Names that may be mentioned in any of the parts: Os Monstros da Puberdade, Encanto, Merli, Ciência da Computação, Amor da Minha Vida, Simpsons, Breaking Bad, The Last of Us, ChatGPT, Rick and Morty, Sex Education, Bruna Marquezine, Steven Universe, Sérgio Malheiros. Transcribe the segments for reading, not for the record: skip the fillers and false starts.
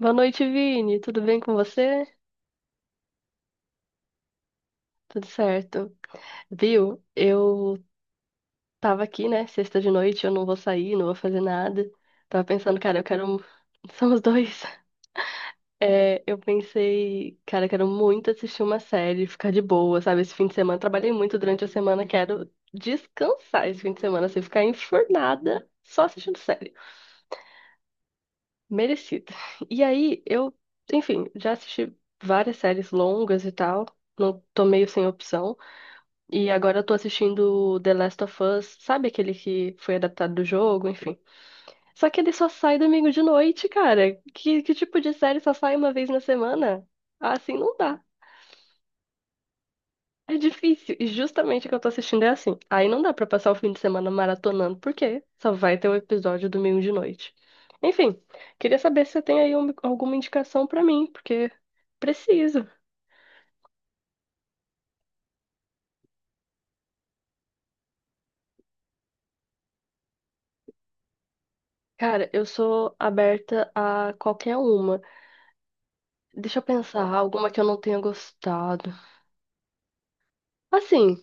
Boa noite, Vini. Tudo bem com você? Tudo certo. Viu? Eu tava aqui, né? Sexta de noite, eu não vou sair, não vou fazer nada. Tava pensando, cara, eu quero. Somos dois. É, eu pensei, cara, eu quero muito assistir uma série, ficar de boa, sabe? Esse fim de semana, eu trabalhei muito durante a semana, quero descansar esse fim de semana, assim, ficar enfurnada só assistindo série. Merecida. E aí, eu, enfim, já assisti várias séries longas e tal, não tô meio sem opção. E agora eu tô assistindo The Last of Us, sabe aquele que foi adaptado do jogo, enfim. Só que ele só sai domingo de noite, cara. Que tipo de série só sai uma vez na semana? Ah, assim não dá. É difícil. E justamente o que eu tô assistindo é assim. Aí não dá pra passar o fim de semana maratonando, porque só vai ter o episódio domingo de noite. Enfim, queria saber se você tem alguma indicação pra mim, porque preciso. Cara, eu sou aberta a qualquer uma. Deixa eu pensar, alguma que eu não tenha gostado. Assim,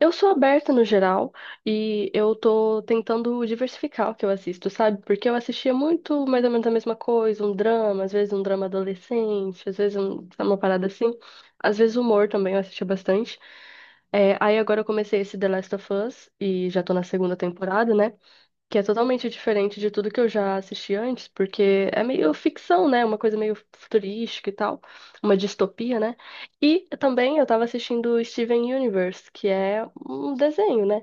eu sou aberta no geral e eu tô tentando diversificar o que eu assisto, sabe? Porque eu assistia muito mais ou menos a mesma coisa, um drama, às vezes um drama adolescente, às vezes uma parada assim. Às vezes humor também eu assistia bastante. É, aí agora eu comecei esse The Last of Us e já tô na segunda temporada, né? Que é totalmente diferente de tudo que eu já assisti antes, porque é meio ficção, né? Uma coisa meio futurística e tal, uma distopia, né? E também eu tava assistindo Steven Universe, que é um desenho, né?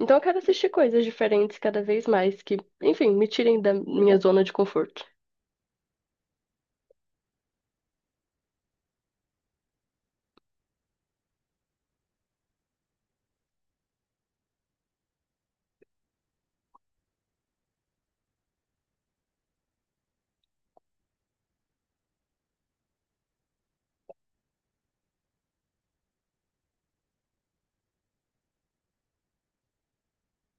Então eu quero assistir coisas diferentes cada vez mais, enfim, me tirem da minha zona de conforto.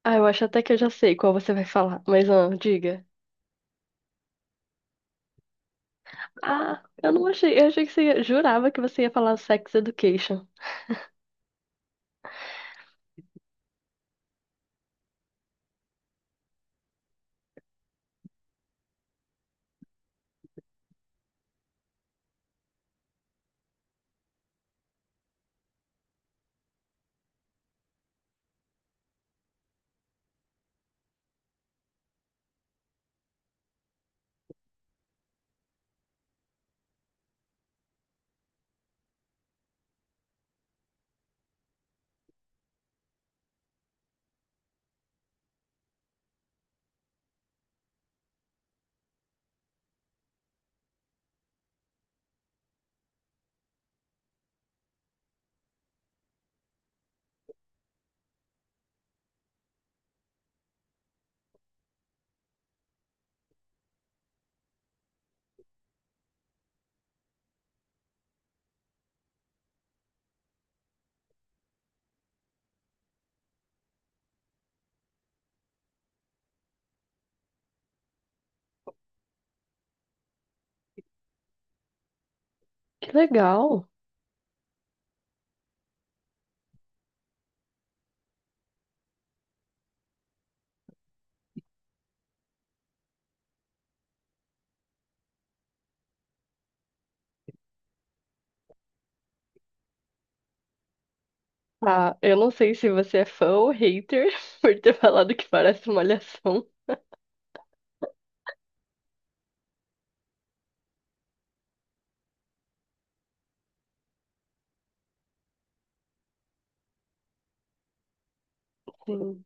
Ah, eu acho até que eu já sei qual você vai falar, mas ah, diga. Ah, eu não achei, eu achei que você ia- jurava que você ia falar Sex Education. Que legal. Ah, eu não sei se você é fã ou hater por ter falado que parece uma malhação. Sim.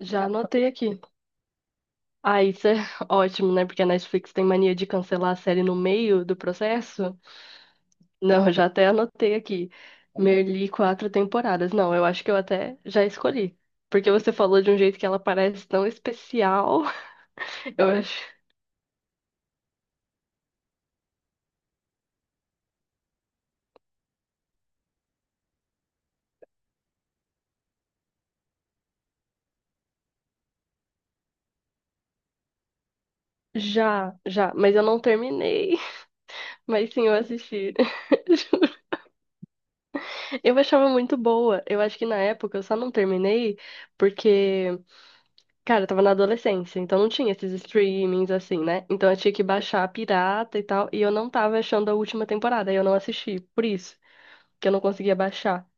Já anotei aqui. Ah, isso é ótimo, né? Porque a Netflix tem mania de cancelar a série no meio do processo. Não, já até anotei aqui. Merli, quatro temporadas. Não, eu acho que eu até já escolhi. Porque você falou de um jeito que ela parece tão especial. Eu acho. Já, já. Mas eu não terminei. Mas sim, eu assisti. Eu achava muito boa. Eu acho que na época eu só não terminei porque, cara, eu tava na adolescência, então não tinha esses streamings assim, né? Então eu tinha que baixar a pirata e tal, e eu não tava achando a última temporada, aí eu não assisti, por isso que eu não conseguia baixar.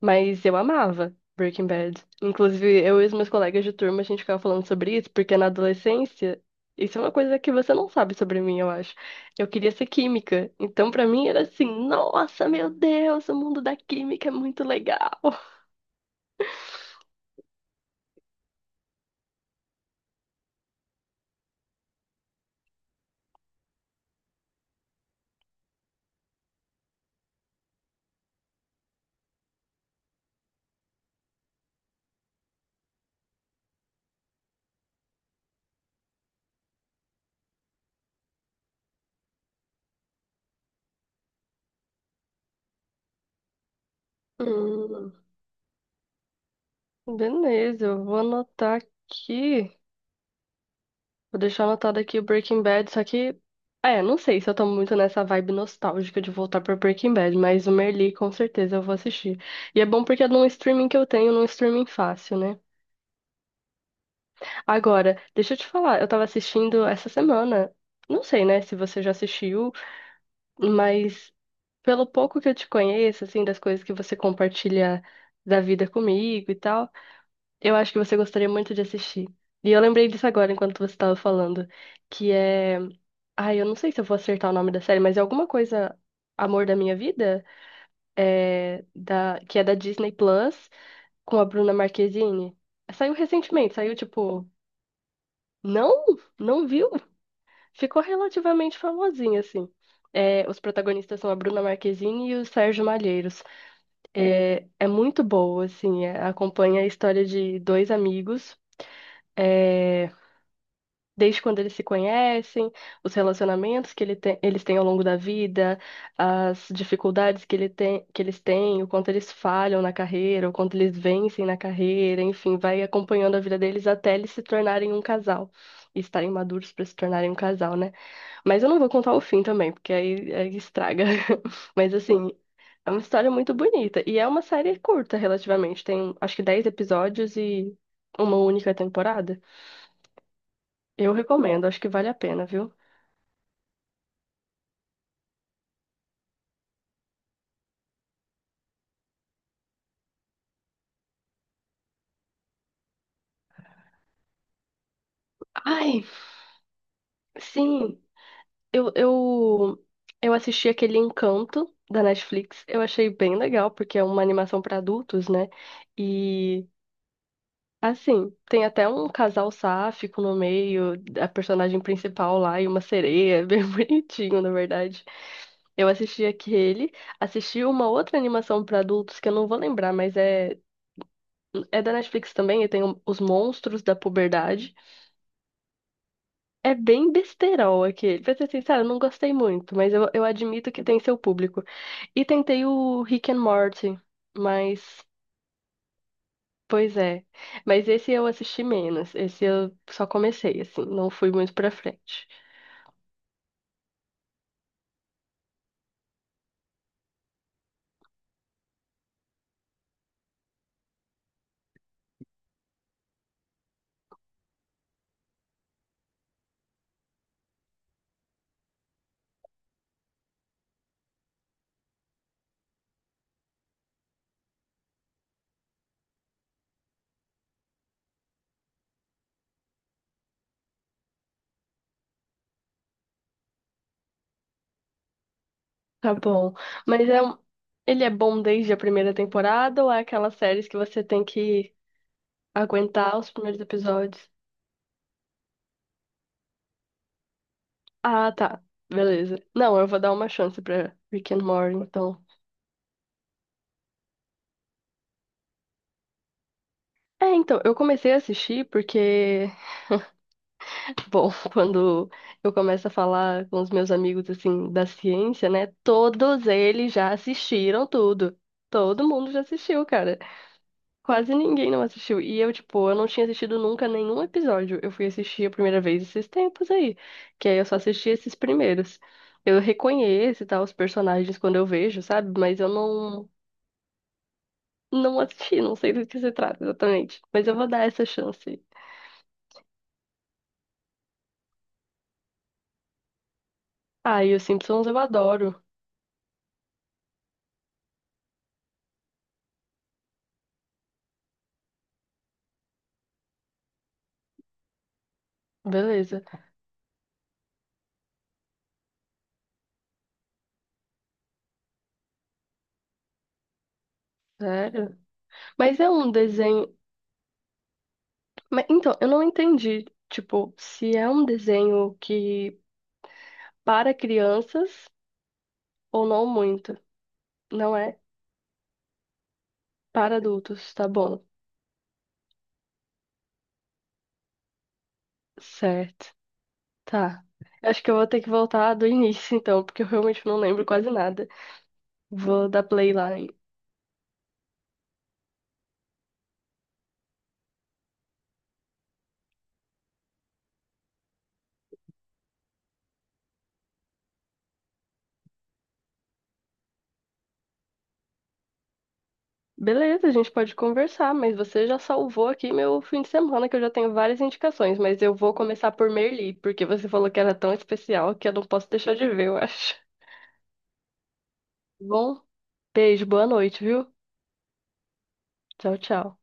Mas eu amava Breaking Bad. Inclusive, eu e os meus colegas de turma, a gente ficava falando sobre isso, porque na adolescência, isso é uma coisa que você não sabe sobre mim, eu acho. Eu queria ser química. Então, pra mim, era assim: nossa, meu Deus, o mundo da química é muito legal. Hum, beleza, eu vou anotar aqui. Vou deixar anotado aqui o Breaking Bad, só que. É, não sei se eu tô muito nessa vibe nostálgica de voltar pra Breaking Bad, mas o Merli com certeza eu vou assistir. E é bom porque é num streaming que eu tenho, num streaming fácil, né? Agora, deixa eu te falar, eu tava assistindo essa semana. Não sei, né, se você já assistiu, mas pelo pouco que eu te conheço, assim, das coisas que você compartilha da vida comigo e tal. Eu acho que você gostaria muito de assistir. E eu lembrei disso agora enquanto você estava falando, que é, ai, eu não sei se eu vou acertar o nome da série, mas é alguma coisa Amor da Minha Vida, é da que é da Disney Plus com a Bruna Marquezine. Saiu recentemente, saiu tipo, não, não viu? Ficou relativamente famosinha assim. É, os protagonistas são a Bruna Marquezine e o Sérgio Malheiros. É muito boa, assim, é, acompanha a história de dois amigos. é, Desde quando eles se conhecem, os relacionamentos que eles têm ao longo da vida, as dificuldades que, que eles têm, o quanto eles falham na carreira, o quanto eles vencem na carreira, enfim, vai acompanhando a vida deles até eles se tornarem um casal. E estarem maduros para se tornarem um casal, né? Mas eu não vou contar o fim também, porque aí estraga. Mas assim, é uma história muito bonita. E é uma série curta, relativamente. Tem acho que 10 episódios e uma única temporada. Eu recomendo, acho que vale a pena, viu? Ai, sim, eu, eu, eu assisti aquele Encanto da Netflix. Eu achei bem legal, porque é uma animação para adultos, né? E, assim, tem até um casal sáfico no meio, a personagem principal lá e uma sereia, bem bonitinho, na verdade. Eu assisti aquele, assisti uma outra animação para adultos que eu não vou lembrar, mas é, é da Netflix também, e tem Os Monstros da Puberdade. É bem besterol aquele. Pra ser sincero, eu não gostei muito, mas eu admito que tem seu público. E tentei o Rick and Morty, mas. Pois é. Mas esse eu assisti menos. Esse eu só comecei, assim. Não fui muito pra frente. Tá bom. Mas é, ele é bom desde a primeira temporada ou é aquelas séries que você tem que aguentar os primeiros episódios? Ah, tá. Beleza. Não, eu vou dar uma chance pra Rick and Morty, então. É, então, eu comecei a assistir porque. Bom, quando eu começo a falar com os meus amigos assim da ciência, né? Todos eles já assistiram tudo. Todo mundo já assistiu, cara. Quase ninguém não assistiu. E eu, tipo, eu não tinha assistido nunca nenhum episódio. Eu fui assistir a primeira vez esses tempos aí, que aí eu só assisti esses primeiros. Eu reconheço e tal os personagens quando eu vejo, sabe? Mas eu não assisti, não sei do que se trata exatamente. Mas eu vou dar essa chance. Ah, e os Simpsons eu adoro. Beleza. Sério? Mas é um desenho. Mas, então, eu não entendi, tipo, se é um desenho que para crianças ou não muito. Não é para adultos, tá bom. Certo. Tá. Eu acho que eu vou ter que voltar do início, então, porque eu realmente não lembro quase nada. Vou dar play lá. Beleza, a gente pode conversar, mas você já salvou aqui meu fim de semana, que eu já tenho várias indicações, mas eu vou começar por Merli, porque você falou que era tão especial que eu não posso deixar de ver, eu acho. Bom, beijo, boa noite, viu? Tchau, tchau.